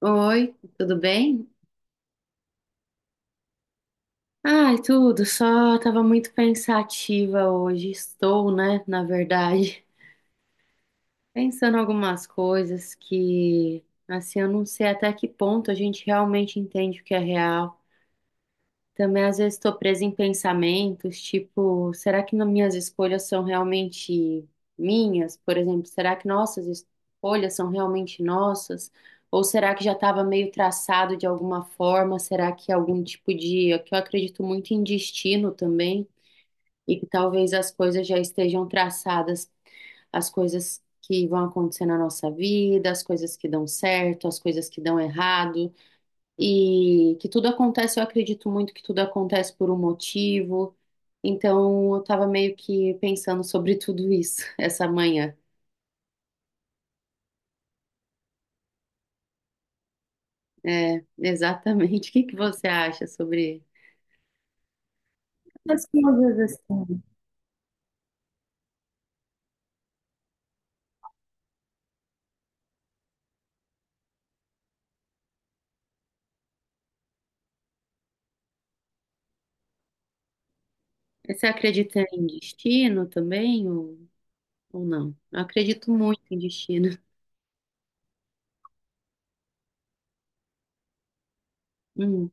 Oi, tudo bem? Ai, tudo, só tava muito pensativa hoje. Estou, né, na verdade, pensando algumas coisas que, assim, eu não sei até que ponto a gente realmente entende o que é real. Também às vezes estou presa em pensamentos, tipo, será que na- minhas escolhas são realmente minhas? Por exemplo, será que nossas escolhas são realmente nossas? Ou será que já estava meio traçado de alguma forma? Será que é algum tipo de, que eu acredito muito em destino também, e que talvez as coisas já estejam traçadas, as coisas que vão acontecer na nossa vida, as coisas que dão certo, as coisas que dão errado e que tudo acontece, eu acredito muito que tudo acontece por um motivo. Então, eu tava meio que pensando sobre tudo isso essa manhã. É, exatamente. O que que você acha sobre essas coisas assim? Você acredita em destino também ou não? Eu acredito muito em destino. Hum,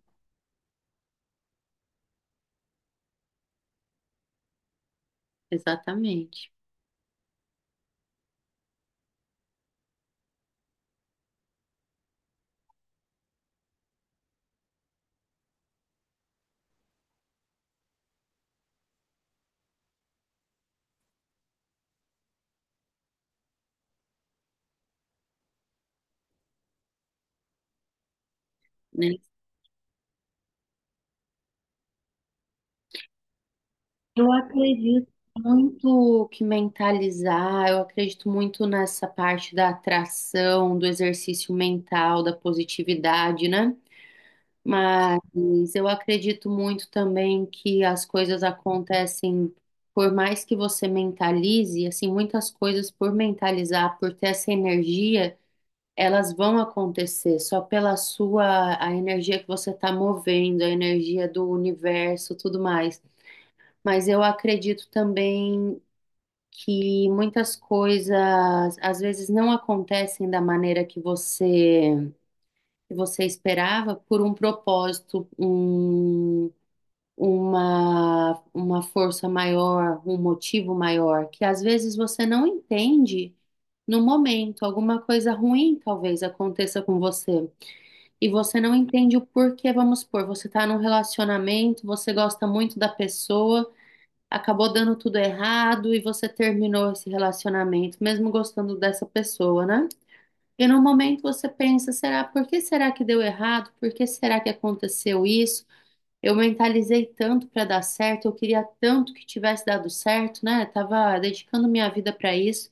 exatamente. Né? Eu acredito muito que mentalizar, eu acredito muito nessa parte da atração, do exercício mental, da positividade, né? Mas eu acredito muito também que as coisas acontecem, por mais que você mentalize, assim, muitas coisas por mentalizar, por ter essa energia, elas vão acontecer só pela sua, a energia que você está movendo, a energia do universo, tudo mais. Mas eu acredito também que muitas coisas às vezes não acontecem da maneira que você esperava por um propósito, um, uma força maior, um motivo maior, que às vezes você não entende no momento. Alguma coisa ruim talvez aconteça com você e você não entende o porquê. Vamos supor, você está num relacionamento, você gosta muito da pessoa, acabou dando tudo errado e você terminou esse relacionamento, mesmo gostando dessa pessoa, né? E no momento você pensa, será, por que será que deu errado? Por que será que aconteceu isso? Eu mentalizei tanto para dar certo, eu queria tanto que tivesse dado certo, né? Tava dedicando minha vida para isso.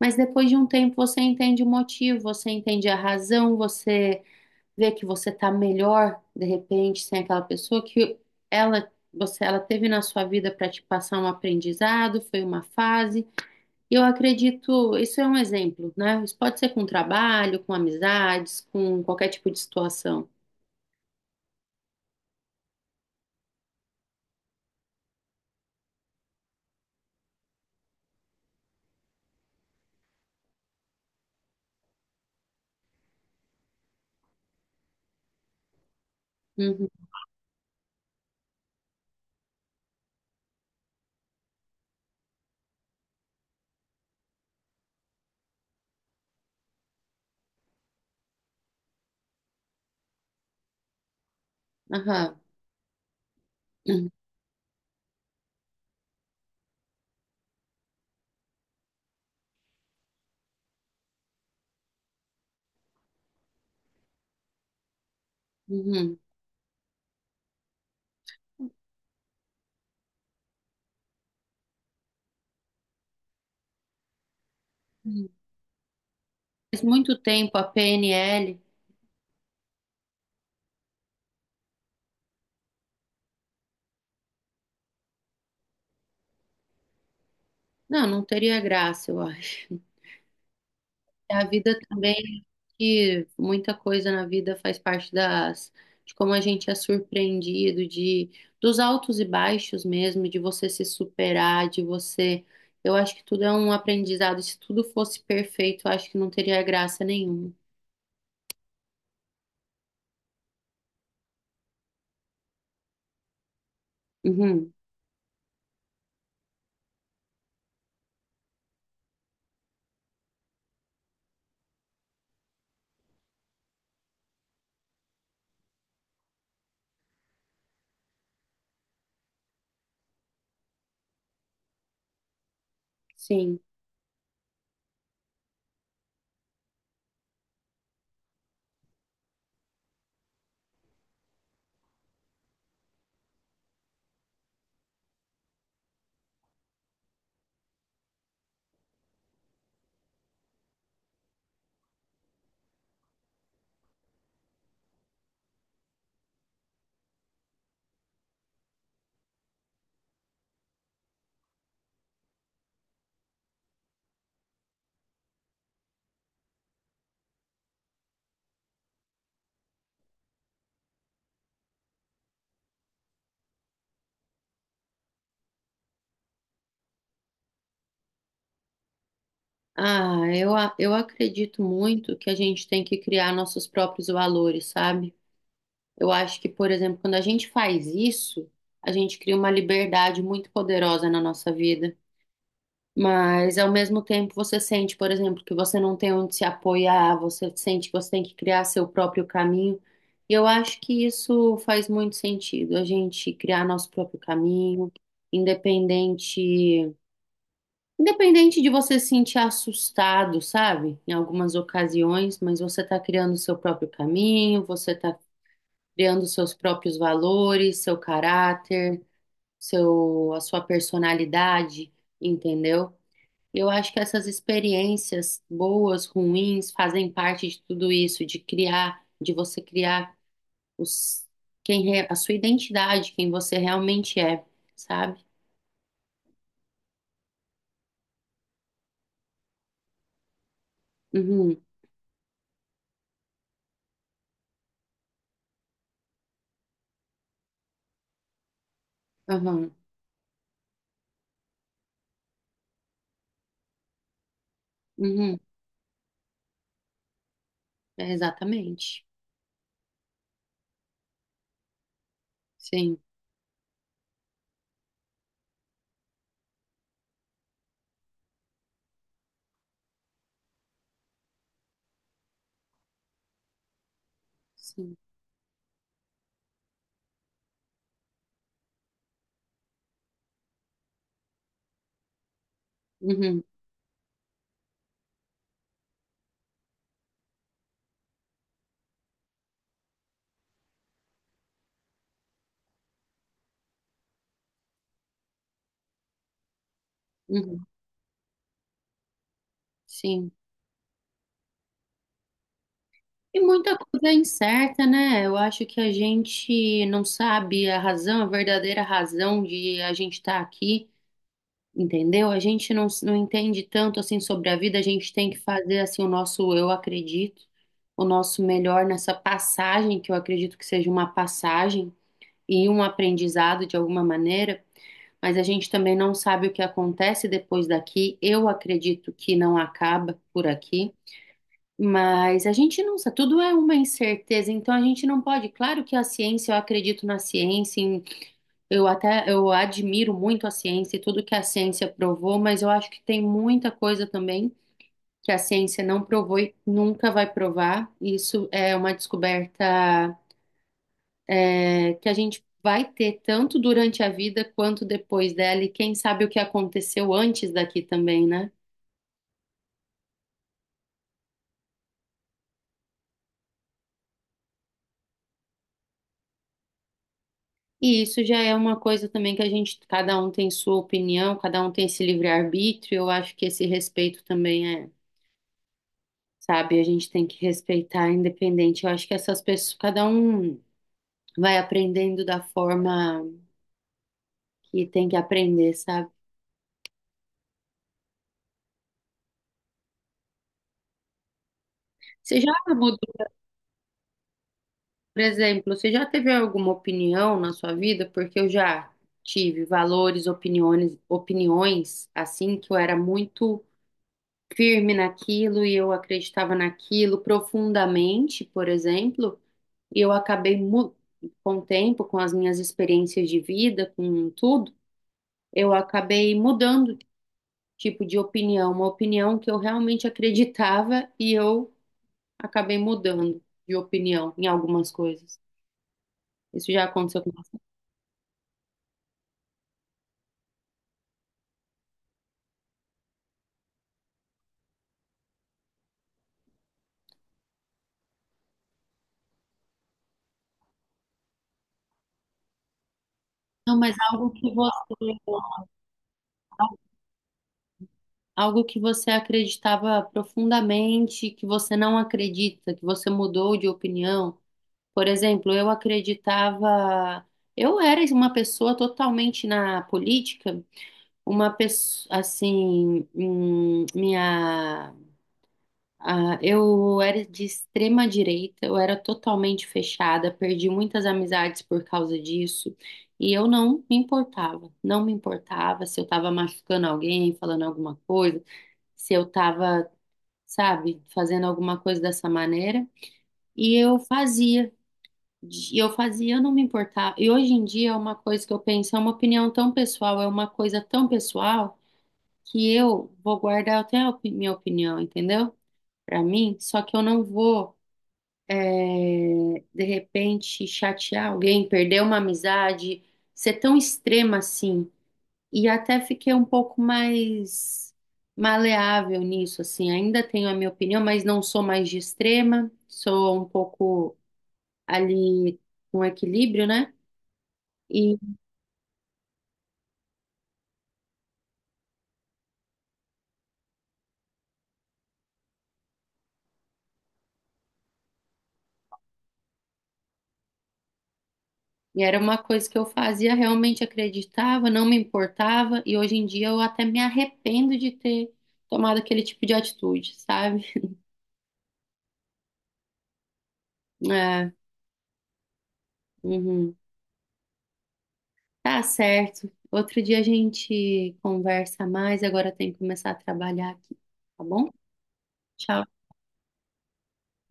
Mas depois de um tempo você entende o motivo, você entende a razão, você ver que você tá melhor de repente sem aquela pessoa que ela você ela teve na sua vida para te passar um aprendizado, foi uma fase. E eu acredito, isso é um exemplo, né? Isso pode ser com trabalho, com amizades, com qualquer tipo de situação. Uhum, aham, uhum, uhum. Uhum. Faz muito tempo a PNL, não, não teria graça, eu acho. A vida também que muita coisa na vida faz parte das, de como a gente é surpreendido, de dos altos e baixos mesmo, de você se superar, de você. Eu acho que tudo é um aprendizado. Se tudo fosse perfeito, eu acho que não teria graça nenhuma. Uhum, sim. Ah, eu, eu acredito muito que a gente tem que criar nossos próprios valores, sabe? Eu acho que, por exemplo, quando a gente faz isso, a gente cria uma liberdade muito poderosa na nossa vida. Mas ao mesmo tempo você sente, por exemplo, que você não tem onde se apoiar, você sente que você tem que criar seu próprio caminho. E eu acho que isso faz muito sentido, a gente criar nosso próprio caminho, independente, independente de você se sentir assustado, sabe? Em algumas ocasiões, mas você está criando seu próprio caminho, você está criando seus próprios valores, seu caráter, seu, a sua personalidade, entendeu? Eu acho que essas experiências boas, ruins, fazem parte de tudo isso, de criar, de você criar os, quem re- a sua identidade, quem você realmente é, sabe? Uhum, uhum, uhum, é exatamente. Sim, sim, uhum, uhum, sim. E muita coisa é incerta, né? Eu acho que a gente não sabe a razão, a verdadeira razão de a gente estar aqui. Entendeu? A gente não, não entende tanto assim sobre a vida, a gente tem que fazer assim o nosso eu acredito, o nosso melhor nessa passagem, que eu acredito que seja uma passagem e um aprendizado de alguma maneira, mas a gente também não sabe o que acontece depois daqui. Eu acredito que não acaba por aqui, mas a gente não sabe, tudo é uma incerteza, então a gente não pode, claro que a ciência, eu acredito na ciência, eu até eu admiro muito a ciência e tudo que a ciência provou, mas eu acho que tem muita coisa também que a ciência não provou e nunca vai provar. Isso é uma descoberta que a gente vai ter tanto durante a vida quanto depois dela, e quem sabe o que aconteceu antes daqui também, né? E isso já é uma coisa também que a gente, cada um tem sua opinião, cada um tem esse livre-arbítrio. Eu acho que esse respeito também é, sabe? A gente tem que respeitar independente. Eu acho que essas pessoas, cada um vai aprendendo da forma que tem que aprender, sabe? Você já mudou, por exemplo, você já teve alguma opinião na sua vida? Porque eu já tive valores, opiniões, opiniões assim que eu era muito firme naquilo e eu acreditava naquilo profundamente, por exemplo, e eu acabei com o tempo, com as minhas experiências de vida, com tudo, eu acabei mudando tipo de opinião, uma opinião que eu realmente acreditava e eu acabei mudando de opinião em algumas coisas. Isso já aconteceu com você. Não, mas algo que você acreditava profundamente, que você não acredita, que você mudou de opinião. Por exemplo, eu acreditava, eu era uma pessoa totalmente na política, uma pessoa assim, minha Ah, eu era de extrema direita, eu era totalmente fechada, perdi muitas amizades por causa disso, e eu não me importava, não me importava se eu estava machucando alguém, falando alguma coisa, se eu estava, sabe, fazendo alguma coisa dessa maneira, e eu fazia, e eu fazia, eu não me importava. E hoje em dia é uma coisa que eu penso, é uma opinião tão pessoal, é uma coisa tão pessoal que eu vou guardar até a minha opinião, entendeu? Pra mim, só que eu não vou é, de repente chatear alguém, perder uma amizade, ser tão extrema assim. E até fiquei um pouco mais maleável nisso, assim. Ainda tenho a minha opinião, mas não sou mais de extrema, sou um pouco ali com equilíbrio, né? E, e era uma coisa que eu fazia, realmente acreditava, não me importava, e hoje em dia eu até me arrependo de ter tomado aquele tipo de atitude, sabe? É, uhum. Tá certo. Outro dia a gente conversa mais, agora tem que começar a trabalhar aqui, tá bom? Tchau.